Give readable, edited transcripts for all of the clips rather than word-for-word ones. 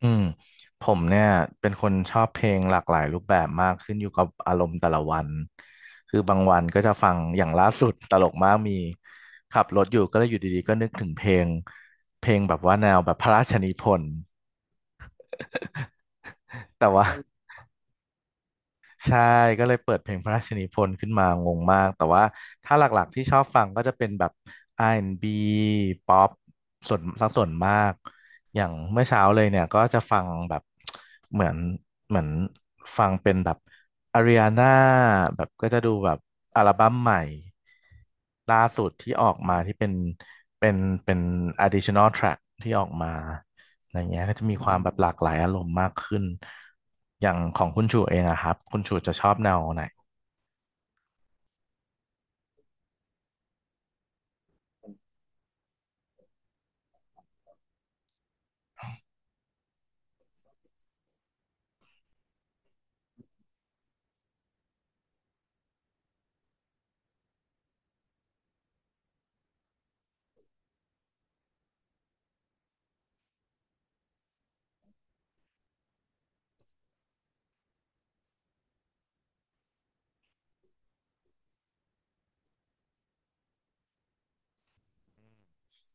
อืมผมเนี่ยเป็นคนชอบเพลงหลากหลายรูปแบบมากขึ้นอยู่กับอารมณ์แต่ละวันคือบางวันก็จะฟังอย่างล่าสุดตลกมากมีขับรถอยู่ก็เลยอยู่ดีๆก็นึกถึงเพลงแบบว่าแนวแบบพระราชนิพนธ์ แต่ว่า ใช่ก็เลยเปิดเพลงพระราชนิพนธ์ขึ้นมางงมากแต่ว่าถ้าหลักๆที่ชอบฟังก็จะเป็นแบบ R&B ป๊อปส่วนสักส่วนมากอย่างเมื่อเช้าเลยเนี่ยก็จะฟังแบบเหมือนเหมือนฟังเป็นแบบอาริอาน่าแบบก็จะดูแบบอัลบั้มใหม่ ล่าสุดที่ออกมาที่เป็นเป็น additional track ที่ออกมาอะไรเงี้ยก็จะมีความแบบหลากหลายอารมณ์มากขึ้นอย่างของคุณชูเองอะครับคุณชูจะชอบแนวไหน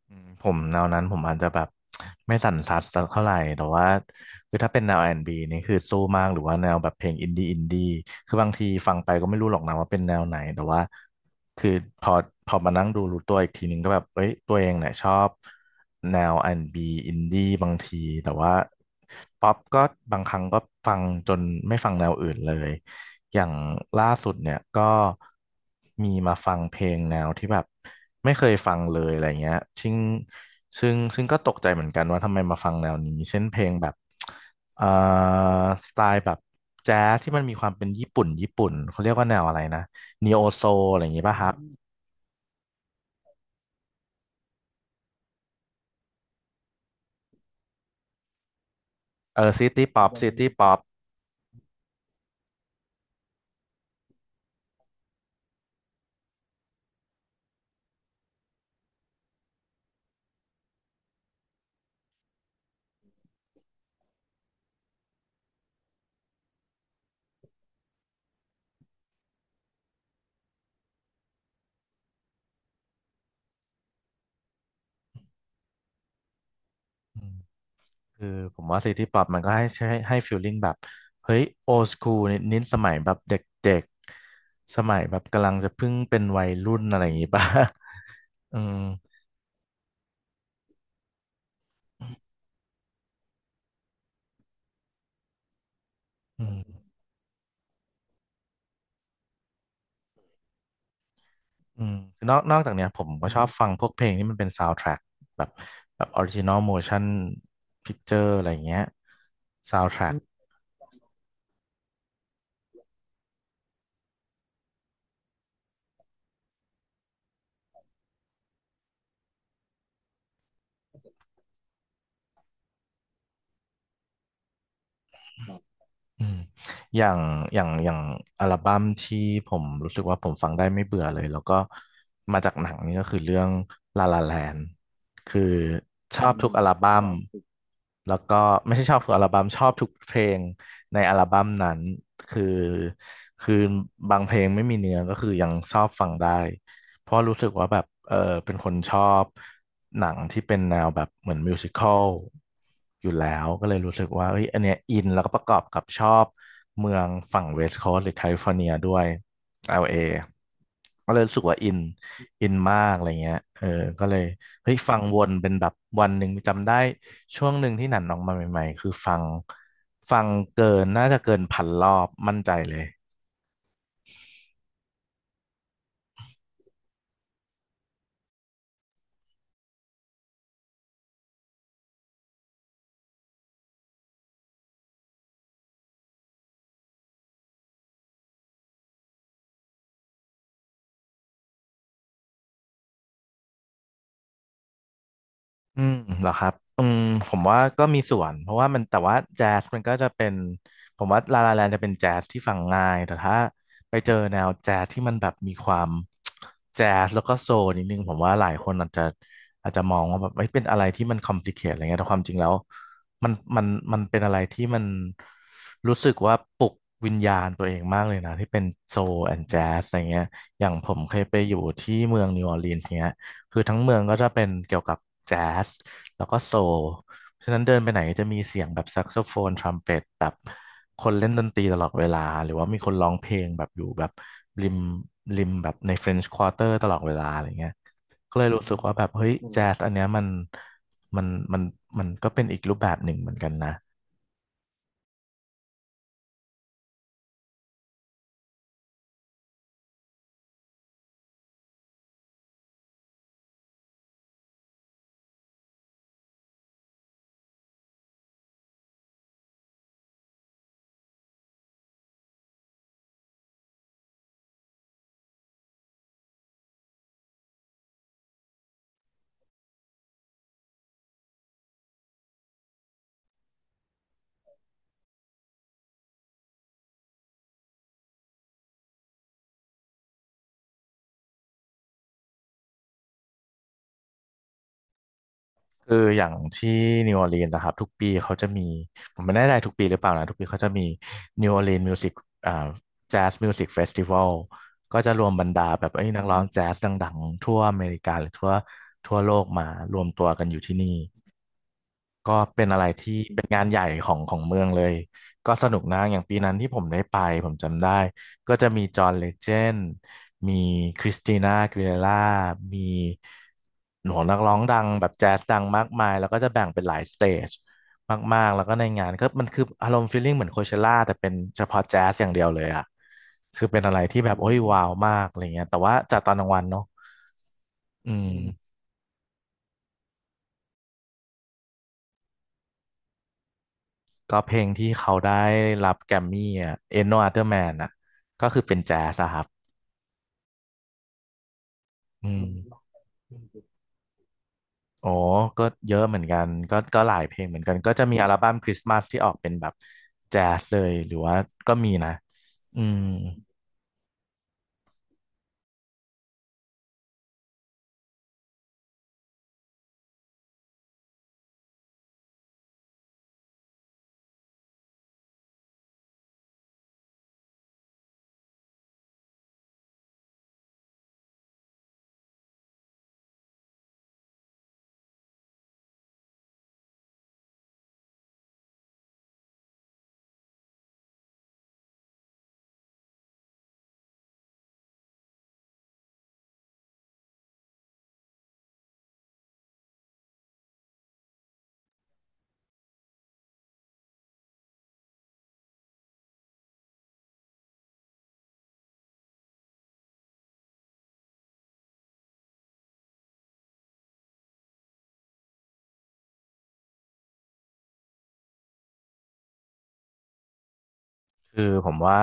ผมแนวนั้นผมอาจจะแบบ ไม่สั่นสัดสักเท่าไหร่แต่ว่าคือถ้าเป็นแนวอาร์แอนด์บีนี่คือสู้มากหรือว่าแนวแบบเพลงอินดี้คือบางทีฟังไปก็ไม่รู้หรอกนะว่าเป็นแนวไหนแต่ว่าคือพอพอมานั่งดูรู้ตัวอีกทีนึงก็แบบเอ้ยตัวเองเนี่ยชอบแนวอาร์แอนด์บีอินดี้บางทีแต่ว่าป๊อปก็บางครั้งก็ฟังจนไม่ฟังแนวอื่นเลย อย่างล่าสุดเนี่ยก็มีมาฟังเพลงแนวที่แบบไม่เคยฟังเลยอะไรเงี้ยซึ่งซึ่งก็ตกใจเหมือนกันว่าทำไมมาฟังแนวนี้ เช่นเพลงแบบเอ่อสไตล์แบบแจ๊สที่มันมีความเป็นญี่ปุ่นญี่ปุ่นเขาเรียกว่าแนวอะไรนะนีโอโซอะไรอย่างงี้ป่ะครับเออซิตี้ป๊อป คือผมว่าซิตี้ป๊อปมันก็ให้ฟีลลิ่งแบบเฮ้ยโอ s คูลนิดสมัยแบบเด็กๆสมัยแบบกำลังจะเพิ่งเป็นวัยรุ่นอะไรอย่างงี้ป่ะ อืมอืมอืมคือนอกจากเนี้ยผมก็ชอบฟังพวกเพลงที่มันเป็นซาว n d ทร็กแบบออริจินอลโมชั่นพิ c เจอร์อะไรอย่างเงี้ยซาว n d ทร็ก อืมอย่างอย่างอัลบั้มที่ผมรู้สึกว่าผมฟังได้ไม่เบื่อเลยแล้วก็มาจากหนังนี่ก็คือเรื่องลาลาแลนคือชออืบทุกมอัลบั้คมลาสสิกแล้วก็ไม่ใช่ชอบทุกอัลบั้มชอบทุกเพลงในอัลบั้มนั้นคือคือบางเพลงไม่มีเนื้อก็คือยังชอบฟังได้ เพราะรู้สึกว่าแบบเออเป็นคนชอบหนังที่เป็นแนวแบบเหมือนมิวสิคอลอยู่แล้วก็เลยรู้สึกว่าเอ้ยอันเนี้ยอินแล้วก็ประกอบกับชอบเมืองฝั่งเวสต์โคสต์หรือแคลิฟอร์เนียด้วย LA ก็เลยรู้สึกว่าอินอินมากอะไรเงี้ยเออก็เลยเฮ้ยฟังวนเป็นแบบวันหนึ่งจำได้ช่วงหนึ่งที่หนันออกมาใหม่ๆ คือฟังเกินน่าจะเกินพันรอบมั่นใจเลย อืมเหรอครับอืมผมว่าก็มีส่วนเพราะว่ามันแต่ว่าแจ๊สมันก็จะเป็นผมว่าลาลาแลนจะเป็นแจ๊สที่ฟังง่ายแต่ถ้าไปเจอแนวแจ๊สที่มันแบบมีความแจ๊สแล้วก็โซลนิดนึงผมว่าหลายคนอาจจะมองว่าแบบไม่เป็นอะไรที่มันคอมพลีเคทอะไรเงี้ยแต่ความจริงแล้วมันมันมันเป็นอะไรที่มันรู้สึกว่าปลุกวิญญาณตัวเองมากเลยนะที่เป็นโซลแอนด์แจ๊สอะไรเงี้ยอย่างผมเคยไปอยู่ที่เมืองนิวออร์ลีนส์เนี้ย คือทั้งเมืองก็จะเป็นเกี่ยวกับแจ๊สแล้วก็โซลเพราะฉะนั้นเดินไปไหนจะมีเสียงแบบแซกโซโฟนทรัมเป็ตแบบคนเล่นดนตรีตลอดเวลาหรือว่ามีคนร้องเพลงแบบอยู่แบบริมริมแบบใน French Quarter ตลอดเวลาอะไรเงี้ยก็เลยรู้สึกว่าแบบเฮ้ยอแจ๊สอันเนี้ยมันมันมันมันก็เป็นอีกรูปแบบหนึ่งเหมือนกันนะ คืออย่างที่นิวออร์ลีนส์นะครับทุกปีเขาจะมีผมไม่แน่ใจทุกปีหรือเปล่านะทุกปีเขาจะมีนิวออร์ลีนส์มิวสิกอ่าแจ๊สมิวสิกเฟสติวัลก็จะรวมบรรดาแบบไอ้ยนักร้องแจ๊สดังๆทั่วอเมริกาหรือทั่วโลกมารวมตัวกันอยู่ที่นี่ ก็เป็นอะไรที่เป็นงานใหญ่ของเมืองเลยก็สนุกนะอย่างปีนั้นที่ผมได้ไปผมจำได้ก็จะมีจอห์นเลเจนด์มีคริสติน่าอากีเลร่ามีหนูนักร้องดังแบบแจ๊สดังมากมายแล้วก็จะแบ่งเป็นหลายสเตจมากๆแล้วก็ในงานก็มันคืออารมณ์ฟีลลิ่งเหมือนโคเชล่าแต่เป็นเฉพาะแจ๊สอย่างเดียวเลยอ่ะคือเป็นอะไรที่แบบโอ้ยว้าวมากอะไรเงี้ยแต่ว่าจัดตอนกลางวันเนาะอืม ก็เพลงที่เขาได้รับแกรมมี่อ่ะ Ain't No Other Man อ่ะก็คือเป็นแจ๊สอะครับอืมโอ้ก็เยอะเหมือนกันก็หลายเพลงเหมือนกันก็จะมีอัลบั้มคริสต์มาสที่ออกเป็นแบบแจ๊สเลยหรือว่าก็มีนะอืม คือผมว่า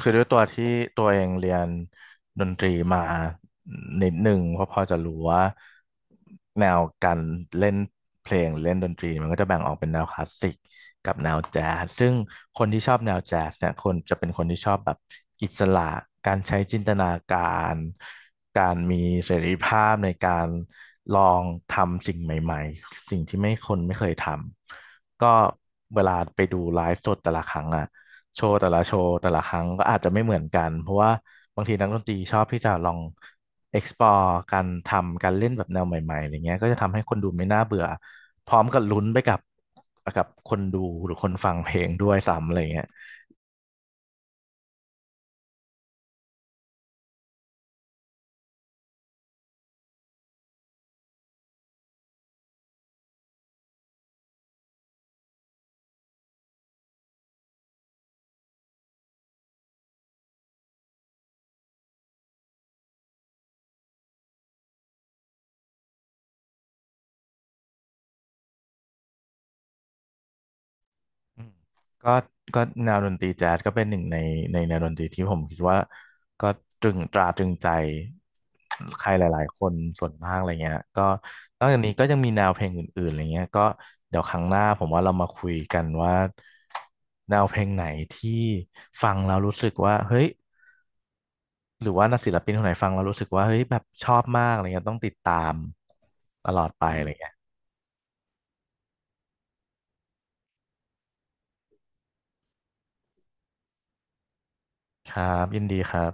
คือด้วยตัวที่ตัวเองเรียนดนตรีมานิดหนึ่งก็พอจะรู้ว่าแนวการเล่นเพลงเล่นดนตรีมันก็จะแบ่งออกเป็นแนวคลาสสิกกับแนวแจ๊สซึ่งคนที่ชอบแนวแจ๊สเนี่ยคนจะเป็นคนที่ชอบแบบอิสระการใช้จินตนาการการมีเสรีภาพในการลองทำสิ่งใหม่ๆสิ่งที่ไม่คนไม่เคยทำก็เวลาไปดูไลฟ์สดแต่ละครั้งอ่ะ โชว์แต่ละโชว์แต่ละครั้งก็อาจจะไม่เหมือนกันเพราะว่าบางทีนักดนตรีชอบที่จะลอง explore การทำการเล่นแบบแนวใหม่ๆอะไรเงี้ยก็จะทำให้คนดูไม่น่าเบื่อพร้อมกับลุ้นไปกับกับคนดูหรือคนฟังเพลงด้วยซ้ำอะไรเงี้ย อืมก็ก็แนวดนตรีแจ๊สก็เป็นหนึ่งในในแนวดนตรีที่ผมคิดว่าก็ตรึงตราตรึงใจใครหลายๆคนส่วนมากอะไรเงี้ยก็นอกจากนี้ก็ยังมีแนวเพลงอื่นๆอะไรเงี้ยก็เดี๋ยวครั้งหน้าผมว่าเรามาคุยกันว่าแนวเพลงไหนที่ฟังแล้วรู้สึกว่าเฮ้ยหรือว่านักศิลปินคนไหนฟังแล้วรู้สึกว่าเฮ้ยแบบชอบมากอะไรเงี้ยต้องติดตามตลอดไปอะไรเงี้ยครับยินดีครับ